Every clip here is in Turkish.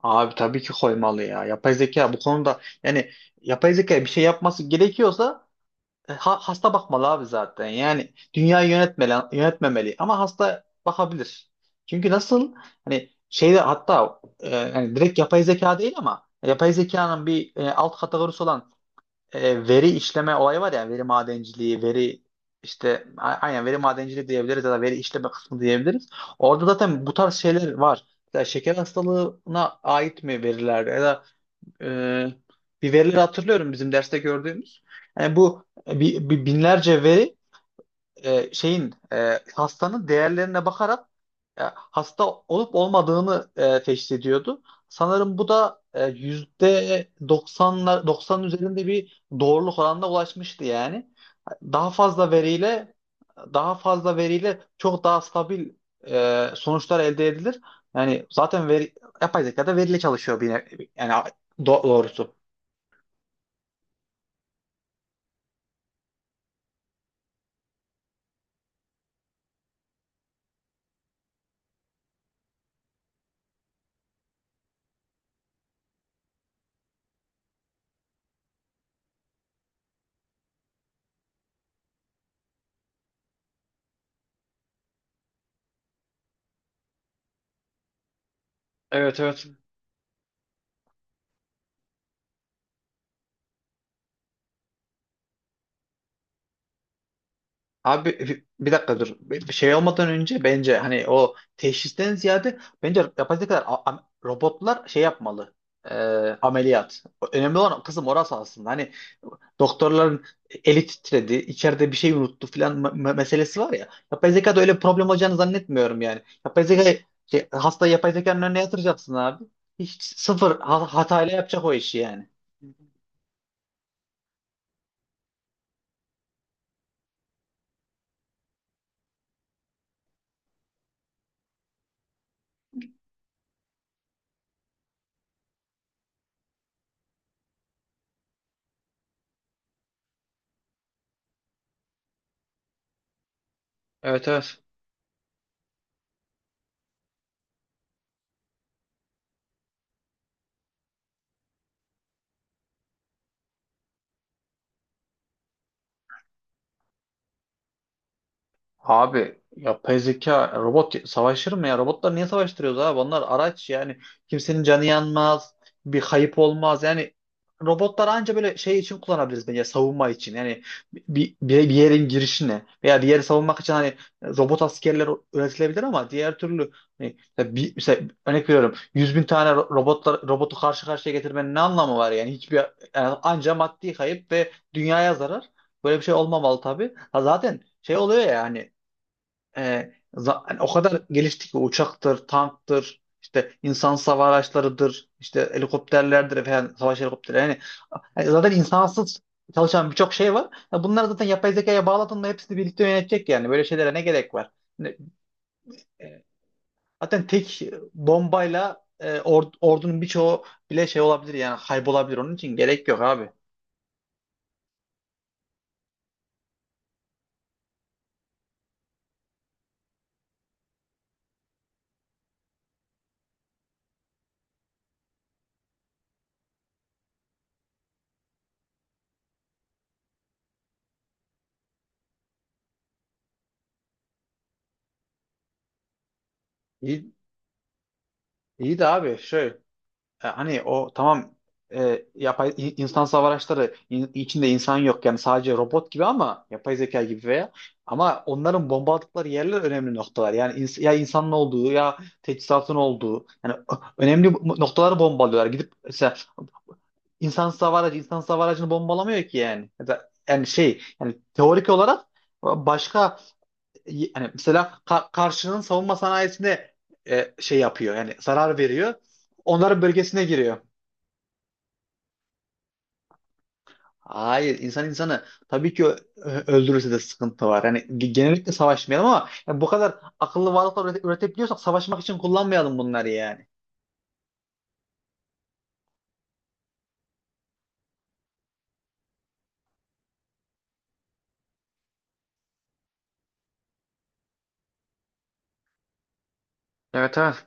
Abi tabii ki koymalı ya. Yapay zeka bu konuda, yani yapay zeka bir şey yapması gerekiyorsa hasta bakmalı abi zaten. Yani dünyayı yönetmeli, yönetmemeli ama hasta bakabilir. Çünkü nasıl, hani şeyde, hatta yani direkt yapay zeka değil ama yapay zekanın bir alt kategorisi olan veri işleme olayı var ya, veri madenciliği, veri işte aynen veri madenciliği diyebiliriz ya da veri işleme kısmı diyebiliriz. Orada zaten bu tarz şeyler var. Mesela şeker hastalığına ait mi veriler, ya da e, bir verileri hatırlıyorum bizim derste gördüğümüz. Yani bu binlerce veri, hastanın değerlerine bakarak hasta olup olmadığını teşhis ediyordu. Sanırım bu da yüzde 90'lar, 90 üzerinde bir doğruluk oranına ulaşmıştı yani. Daha fazla veriyle daha fazla veriyle çok daha stabil sonuçlar elde edilir. Yani zaten veri, yapay zeka da veriyle çalışıyor bir yani doğrusu. Evet, evet. Abi bir dakika dur. Bir şey olmadan önce bence, hani o teşhisten ziyade bence yapacak kadar robotlar şey yapmalı. Ee, Ameliyat. Önemli olan kısım orası aslında. Hani doktorların eli titredi, içeride bir şey unuttu filan meselesi var ya. Yapay zekada öyle bir problem olacağını zannetmiyorum yani. Yapay zeka şey, hastayı yapay zekanın önüne yatıracaksın abi. Hiç sıfır hatayla yapacak o işi yani. Evet, evet. Abi yapay zeka robot savaşır mı ya? Robotlar niye savaştırıyoruz abi? Onlar araç yani, kimsenin canı yanmaz, bir kayıp olmaz. Yani robotlar anca böyle şey için kullanabiliriz bence, savunma için. Yani bir yerin girişine veya bir yeri savunmak için hani robot askerler üretilebilir, ama diğer türlü hani mesela bir, mesela örnek veriyorum, 100 bin tane ro- robotlar robotu karşı karşıya getirmenin ne anlamı var yani? Hiçbir, yani anca maddi kayıp ve dünyaya zarar. Böyle bir şey olmamalı tabii. Ha, zaten şey oluyor ya hani, hani o kadar gelişti ki, uçaktır, tanktır, işte insan savar araçlarıdır, işte helikopterlerdir falan, savaş helikopterleri. Yani, zaten insansız çalışan birçok şey var. Ya bunlar zaten yapay zekaya bağladın mı hepsini birlikte yönetecek yani. Böyle şeylere ne gerek var? Ne- e, Zaten tek bombayla ordunun birçoğu bile şey olabilir yani, kaybolabilir. Onun için gerek yok abi. İyi, iyi de abi şöyle. Hani o tamam, yapay insan savaş araçları içinde insan yok yani, sadece robot gibi, ama yapay zeka gibi veya, ama onların bomba attıkları yerler önemli noktalar. Yani ya insanın olduğu ya teçhizatın olduğu, yani önemli noktaları bombalıyorlar. Gidip mesela insan hava aracı, insan hava aracını bombalamıyor ki yani. Ya da yani şey, yani teorik olarak başka, yani mesela karşının savunma sanayisine şey yapıyor, yani zarar veriyor. Onların bölgesine giriyor. Hayır, insan insanı tabii ki öldürürse de sıkıntı var. Yani genellikle savaşmayalım, ama yani bu kadar akıllı varlıklar üretebiliyorsak savaşmak için kullanmayalım bunları yani. Evet, evet.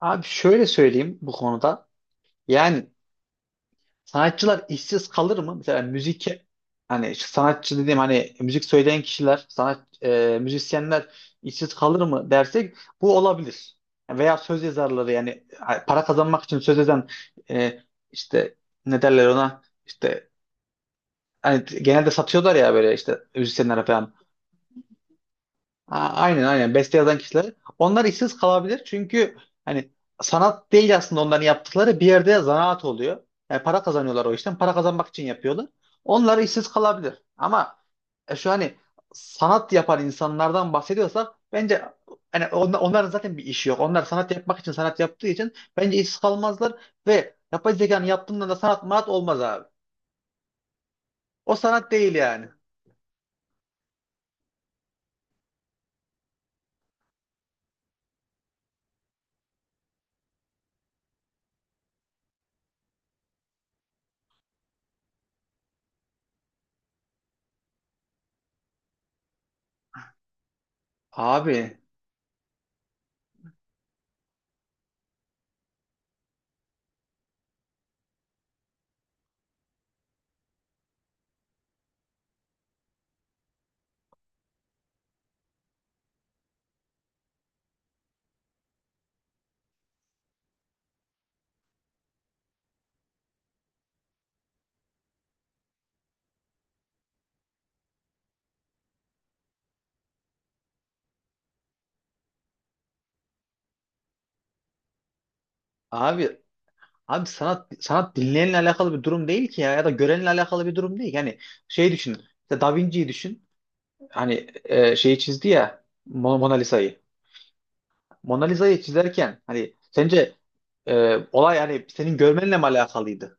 Abi şöyle söyleyeyim bu konuda. Yani, sanatçılar işsiz kalır mı? Mesela müzik, hani şu sanatçı dediğim hani müzik söyleyen kişiler, müzisyenler işsiz kalır mı dersek, bu olabilir. Veya söz yazarları, yani para kazanmak için söz yazan, e, işte, ne derler ona? İşte, hani genelde satıyorlar ya, böyle işte müzisyenlere falan. Aynen, aynen, beste yazan kişilere. Onlar işsiz kalabilir çünkü, hani sanat değil aslında onların yaptıkları, bir yerde zanaat oluyor. Yani para kazanıyorlar o işten. Para kazanmak için yapıyorlar. Onlar işsiz kalabilir. Ama şu, hani sanat yapan insanlardan bahsediyorsak bence, hani onların zaten bir işi yok. Onlar sanat yapmak için sanat yaptığı için bence işsiz kalmazlar, ve yapay zekanın yaptığında da sanat manat olmaz abi. O sanat değil yani. Abi, abi Abi, sanat dinleyenle alakalı bir durum değil ki ya, ya da görenle alakalı bir durum değil. Yani şey düşün, işte Da Vinci'yi düşün. Hani şeyi çizdi ya, Mona Lisa'yı. Mona Lisa'yı çizerken hani sence olay hani senin görmenle mi alakalıydı?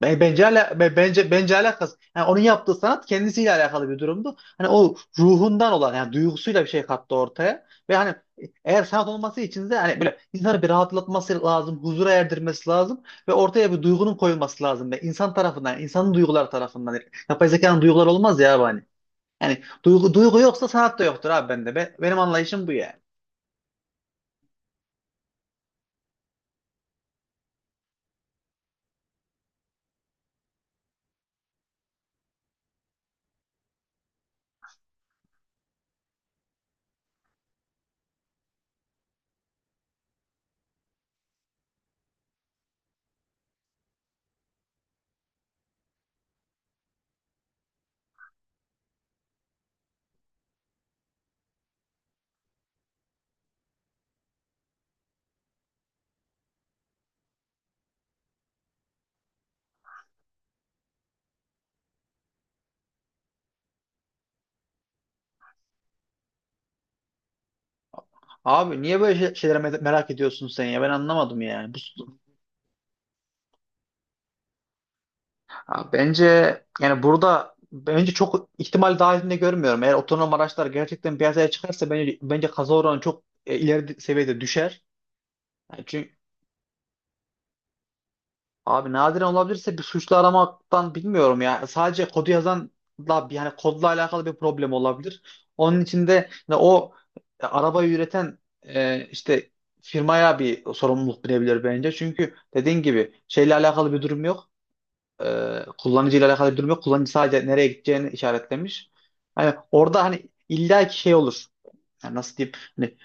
Bence alakası. Yani onun yaptığı sanat kendisiyle alakalı bir durumdu. Hani o ruhundan olan, yani duygusuyla bir şey kattı ortaya. Ve hani, eğer sanat olması için de hani böyle insanı bir rahatlatması lazım, huzura erdirmesi lazım, ve ortaya bir duygunun koyulması lazım, ve insan tarafından, insanın duyguları tarafından. Yani yapay zekanın duyguları olmaz ya abi hani. Yani duygu yoksa sanat da yoktur abi bende. Benim anlayışım bu yani. Abi niye böyle şeylere merak ediyorsun sen ya? Ben anlamadım yani. Ha, bence, yani burada bence çok ihtimal dahilinde görmüyorum. Eğer otonom araçlar gerçekten piyasaya çıkarsa bence kaza oranı çok ileri seviyede düşer. Yani çünkü abi, nadiren olabilirse bir suçlu aramaktan bilmiyorum ya. Sadece kodu yazan da, yani kodla alakalı bir problem olabilir. Onun için de yani o, arabayı üreten işte firmaya bir sorumluluk binebilir bence. Çünkü dediğin gibi şeyle alakalı bir durum yok. Kullanıcıyla alakalı bir durum yok. Kullanıcı sadece nereye gideceğini işaretlemiş. Hani orada hani illaki şey olur. Yani nasıl diyeyim? Hani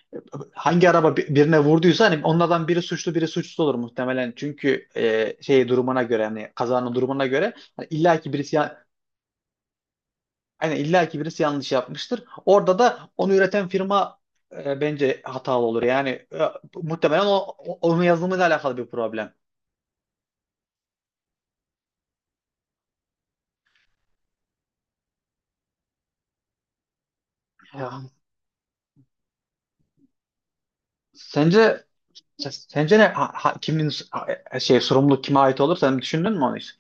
hangi araba birine vurduysa, hani onlardan biri suçlu biri suçsuz olur muhtemelen. Çünkü şey durumuna göre hani, kazanın durumuna göre, hani illaki birisi aynen, illaki birisi yanlış yapmıştır. Orada da onu üreten firma bence hatalı olur. Yani muhtemelen onun yazılımıyla alakalı bir problem. Ya. Sence Sence ne kimin şey, sorumluluk kime ait olur? Sen düşündün mü onu hiç?